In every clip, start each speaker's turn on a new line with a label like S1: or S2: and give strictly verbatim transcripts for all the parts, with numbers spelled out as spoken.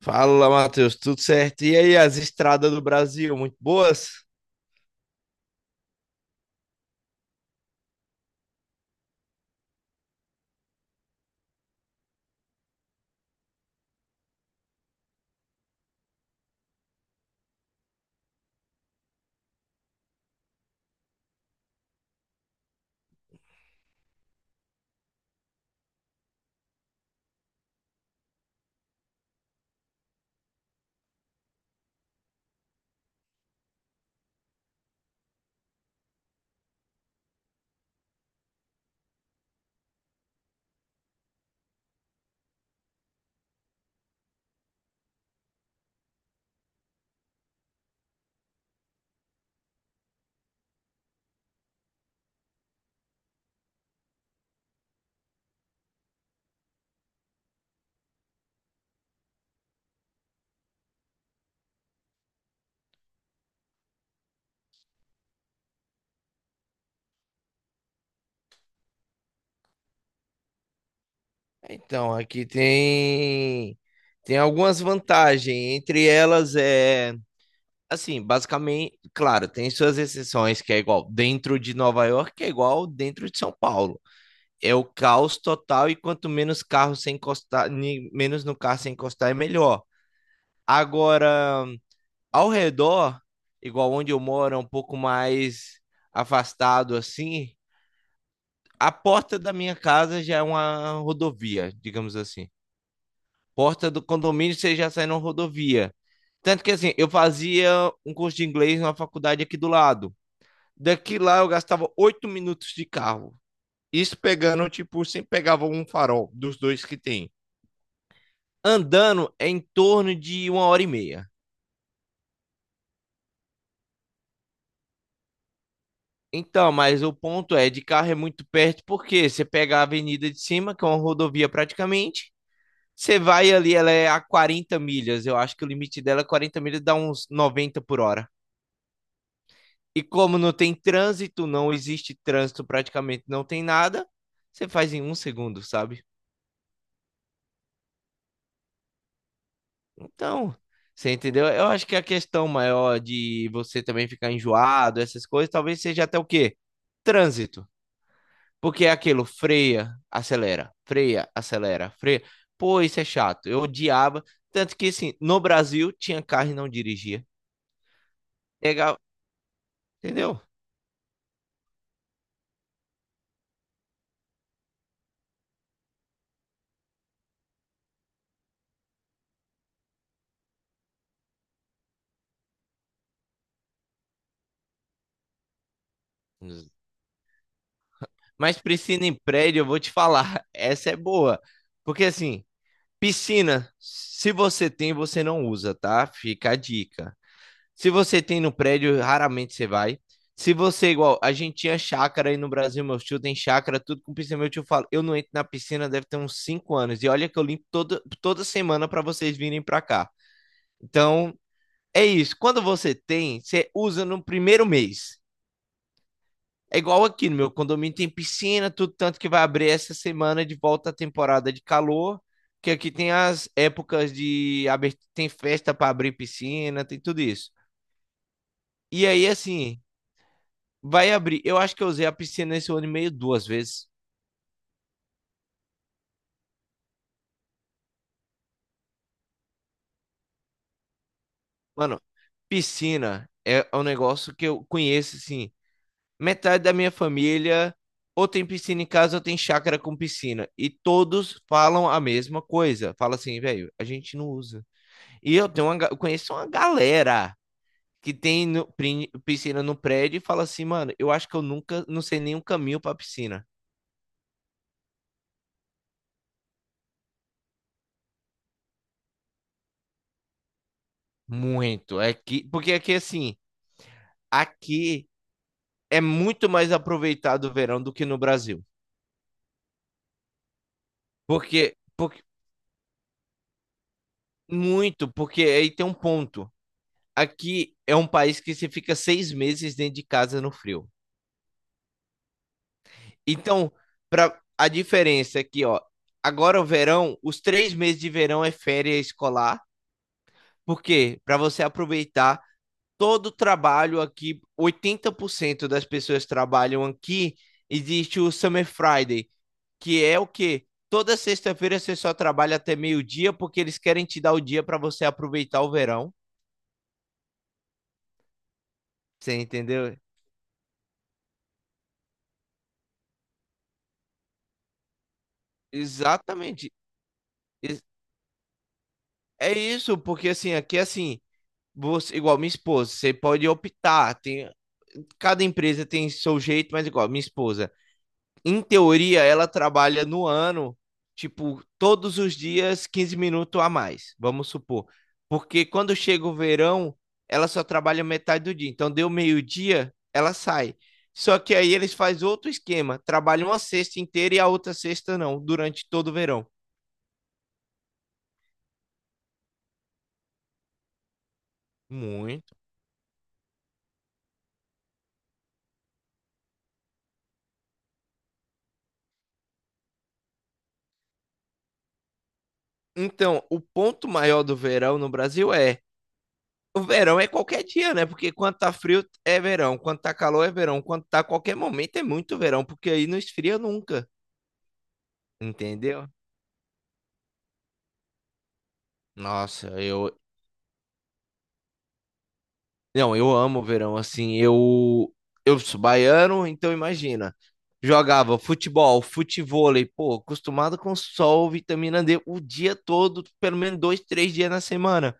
S1: Fala, Matheus, tudo certo? E aí, as estradas do Brasil, muito boas? Então, aqui tem tem algumas vantagens, entre elas é, assim, basicamente, claro, tem suas exceções que é igual dentro de Nova York, que é igual dentro de São Paulo. É o caos total, e quanto menos carro sem encostar, ni- menos no carro sem encostar é melhor. Agora, ao redor, igual onde eu moro, é um pouco mais afastado assim, a porta da minha casa já é uma rodovia, digamos assim. Porta do condomínio, você já sai numa rodovia. Tanto que assim, eu fazia um curso de inglês numa faculdade aqui do lado. Daqui lá eu gastava oito minutos de carro. Isso pegando, tipo, sempre pegava um farol dos dois que tem. Andando é em torno de uma hora e meia. Então, mas o ponto é, de carro é muito perto, porque você pega a avenida de cima, que é uma rodovia praticamente. Você vai ali, ela é a quarenta milhas. Eu acho que o limite dela é quarenta milhas, dá uns noventa por hora. E como não tem trânsito, não existe trânsito, praticamente não tem nada, você faz em um segundo, sabe? Então, você entendeu? Eu acho que a questão maior de você também ficar enjoado, essas coisas, talvez seja até o quê? Trânsito. Porque é aquilo, freia, acelera, freia, acelera, freia. Pô, isso é chato. Eu odiava. Tanto que, assim, no Brasil tinha carro e não dirigia. Legal, entendeu? Mas piscina em prédio, eu vou te falar, essa é boa. Porque assim, piscina, se você tem, você não usa, tá? Fica a dica. Se você tem no prédio, raramente você vai. Se você, igual, a gente tinha chácara aí no Brasil, meu tio tem chácara, tudo com piscina. Meu tio fala, eu não entro na piscina, deve ter uns cinco anos. E olha que eu limpo todo, toda semana pra vocês virem pra cá. Então, é isso. Quando você tem, você usa no primeiro mês. É igual aqui no meu condomínio tem piscina, tudo, tanto que vai abrir essa semana de volta a temporada de calor, que aqui tem as épocas de abertura, tem festa para abrir piscina, tem tudo isso. E aí assim, vai abrir. Eu acho que eu usei a piscina esse ano e meio duas vezes. Mano, piscina é um negócio que eu conheço assim, metade da minha família ou tem piscina em casa ou tem chácara com piscina, e todos falam a mesma coisa. Fala assim, velho, a gente não usa. E eu tenho uma, eu conheço uma galera que tem no- piscina no prédio, e fala assim, mano, eu acho que eu nunca, não sei nenhum caminho pra piscina. Muito. É que, porque aqui, assim, aqui é muito mais aproveitado o verão do que no Brasil. Porque, porque, muito, porque aí tem um ponto. Aqui é um país que você fica seis meses dentro de casa no frio. Então, pra, a diferença é que, ó, agora o verão, os três meses de verão é férias escolar. Porque para você aproveitar todo o trabalho aqui, oitenta por cento das pessoas trabalham aqui, existe o Summer Friday, que é o quê? Toda sexta-feira você só trabalha até meio-dia, porque eles querem te dar o dia para você aproveitar o verão. Você entendeu? Exatamente. Ex- É isso, porque assim, aqui assim, você, igual minha esposa, você pode optar, tem, cada empresa tem seu jeito, mas igual minha esposa em teoria, ela trabalha no ano, tipo, todos os dias quinze minutos a mais, vamos supor. Porque quando chega o verão, ela só trabalha metade do dia. Então, deu meio-dia, ela sai. Só que aí eles fazem outro esquema, trabalham uma sexta inteira e a outra sexta não, durante todo o verão. Muito. Então, o ponto maior do verão no Brasil é o verão é qualquer dia, né? Porque quando tá frio é verão, quando tá calor é verão, quando tá qualquer momento é muito verão, porque aí não esfria nunca. Entendeu? Nossa, eu. Não, eu amo o verão, assim. Eu. Eu sou baiano, então imagina. Jogava futebol, futevôlei, pô, acostumado com sol, vitamina D o dia todo, pelo menos dois, três dias na semana.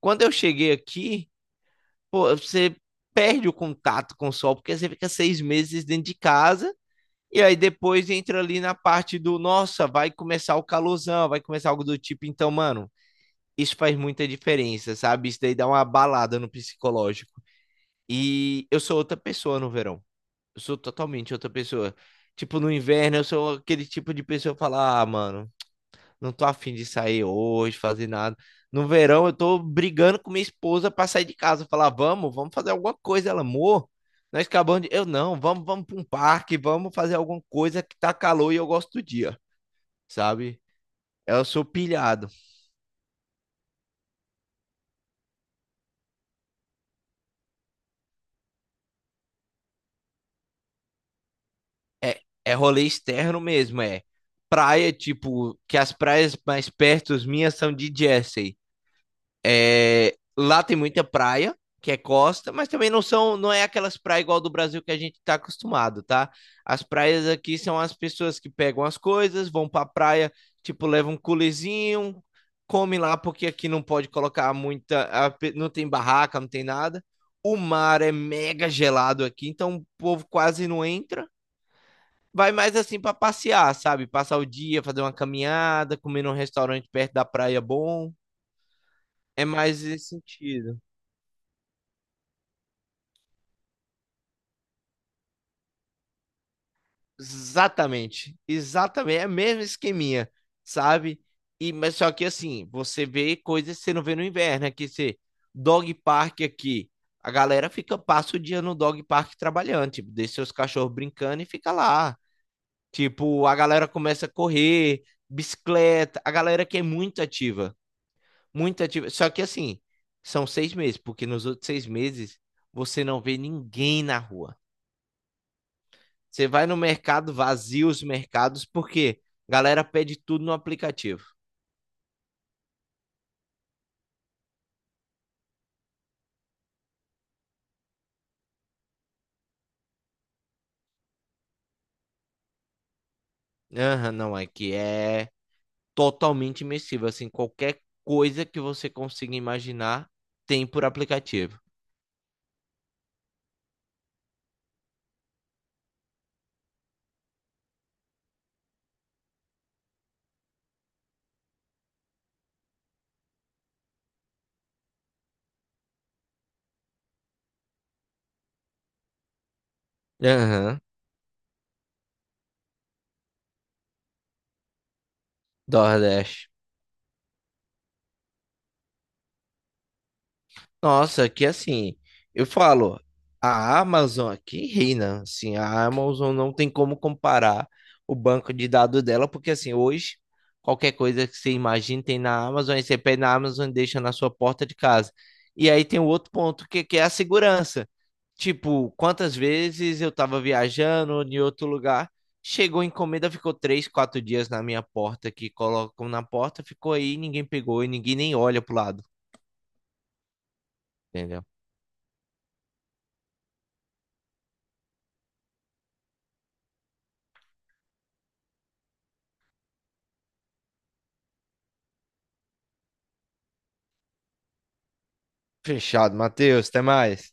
S1: Quando eu cheguei aqui, pô, você perde o contato com o sol, porque você fica seis meses dentro de casa, e aí depois entra ali na parte do, nossa, vai começar o calorzão, vai começar algo do tipo, então, mano, isso faz muita diferença, sabe? Isso daí dá uma balada no psicológico. E eu sou outra pessoa no verão. Eu sou totalmente outra pessoa. Tipo, no inverno eu sou aquele tipo de pessoa que fala, ah, mano, não tô afim de sair hoje, fazer nada. No verão eu tô brigando com minha esposa pra sair de casa, falar, vamos, vamos fazer alguma coisa, ela, amor. Nós acabamos de. Eu não, vamos, vamos pra um parque, vamos fazer alguma coisa que tá calor e eu gosto do dia, sabe? Eu sou pilhado. É, é rolê externo mesmo, é. Praia, tipo, que as praias mais perto as minhas são de Jersey. É, lá tem muita praia, que é costa, mas também não são, não é aquelas praias igual do Brasil que a gente tá acostumado, tá? As praias aqui são as pessoas que pegam as coisas, vão pra praia, tipo, levam um culezinho, come lá, porque aqui não pode colocar muita, a pe- não tem barraca, não tem nada. O mar é mega gelado aqui, então o povo quase não entra, vai mais assim pra passear, sabe? Passar o dia, fazer uma caminhada, comer num restaurante perto da praia bom. É mais esse sentido. Exatamente. Exatamente. É o mesmo esqueminha, sabe? E, mas só que assim, você vê coisas que você não vê no inverno. Aqui você, dog park aqui. A galera fica, passa o dia no dog park trabalhando, tipo, deixa seus cachorros brincando e fica lá. Tipo, a galera começa a correr, bicicleta, a galera que é muito ativa. Muita atividade. Só que assim, são seis meses, porque nos outros seis meses você não vê ninguém na rua. Você vai no mercado, vazia os mercados, porque a galera pede tudo no aplicativo. Aham, não, é que é totalmente imersivo. Assim, qualquer coisa que você consiga imaginar tem por aplicativo. Aham, Nordeste. Nossa, que assim, eu falo, a Amazon aqui reina, assim, a Amazon não tem como comparar o banco de dados dela, porque assim, hoje, qualquer coisa que você imagine tem na Amazon, aí você pede na Amazon e deixa na sua porta de casa. E aí tem o outro ponto, que, que, é a segurança. Tipo, quantas vezes eu tava viajando em outro lugar, chegou a encomenda, ficou três, quatro dias na minha porta, que colocam na porta, ficou aí, ninguém pegou e ninguém nem olha pro lado, entendeu? Fechado, Matheus. Até mais.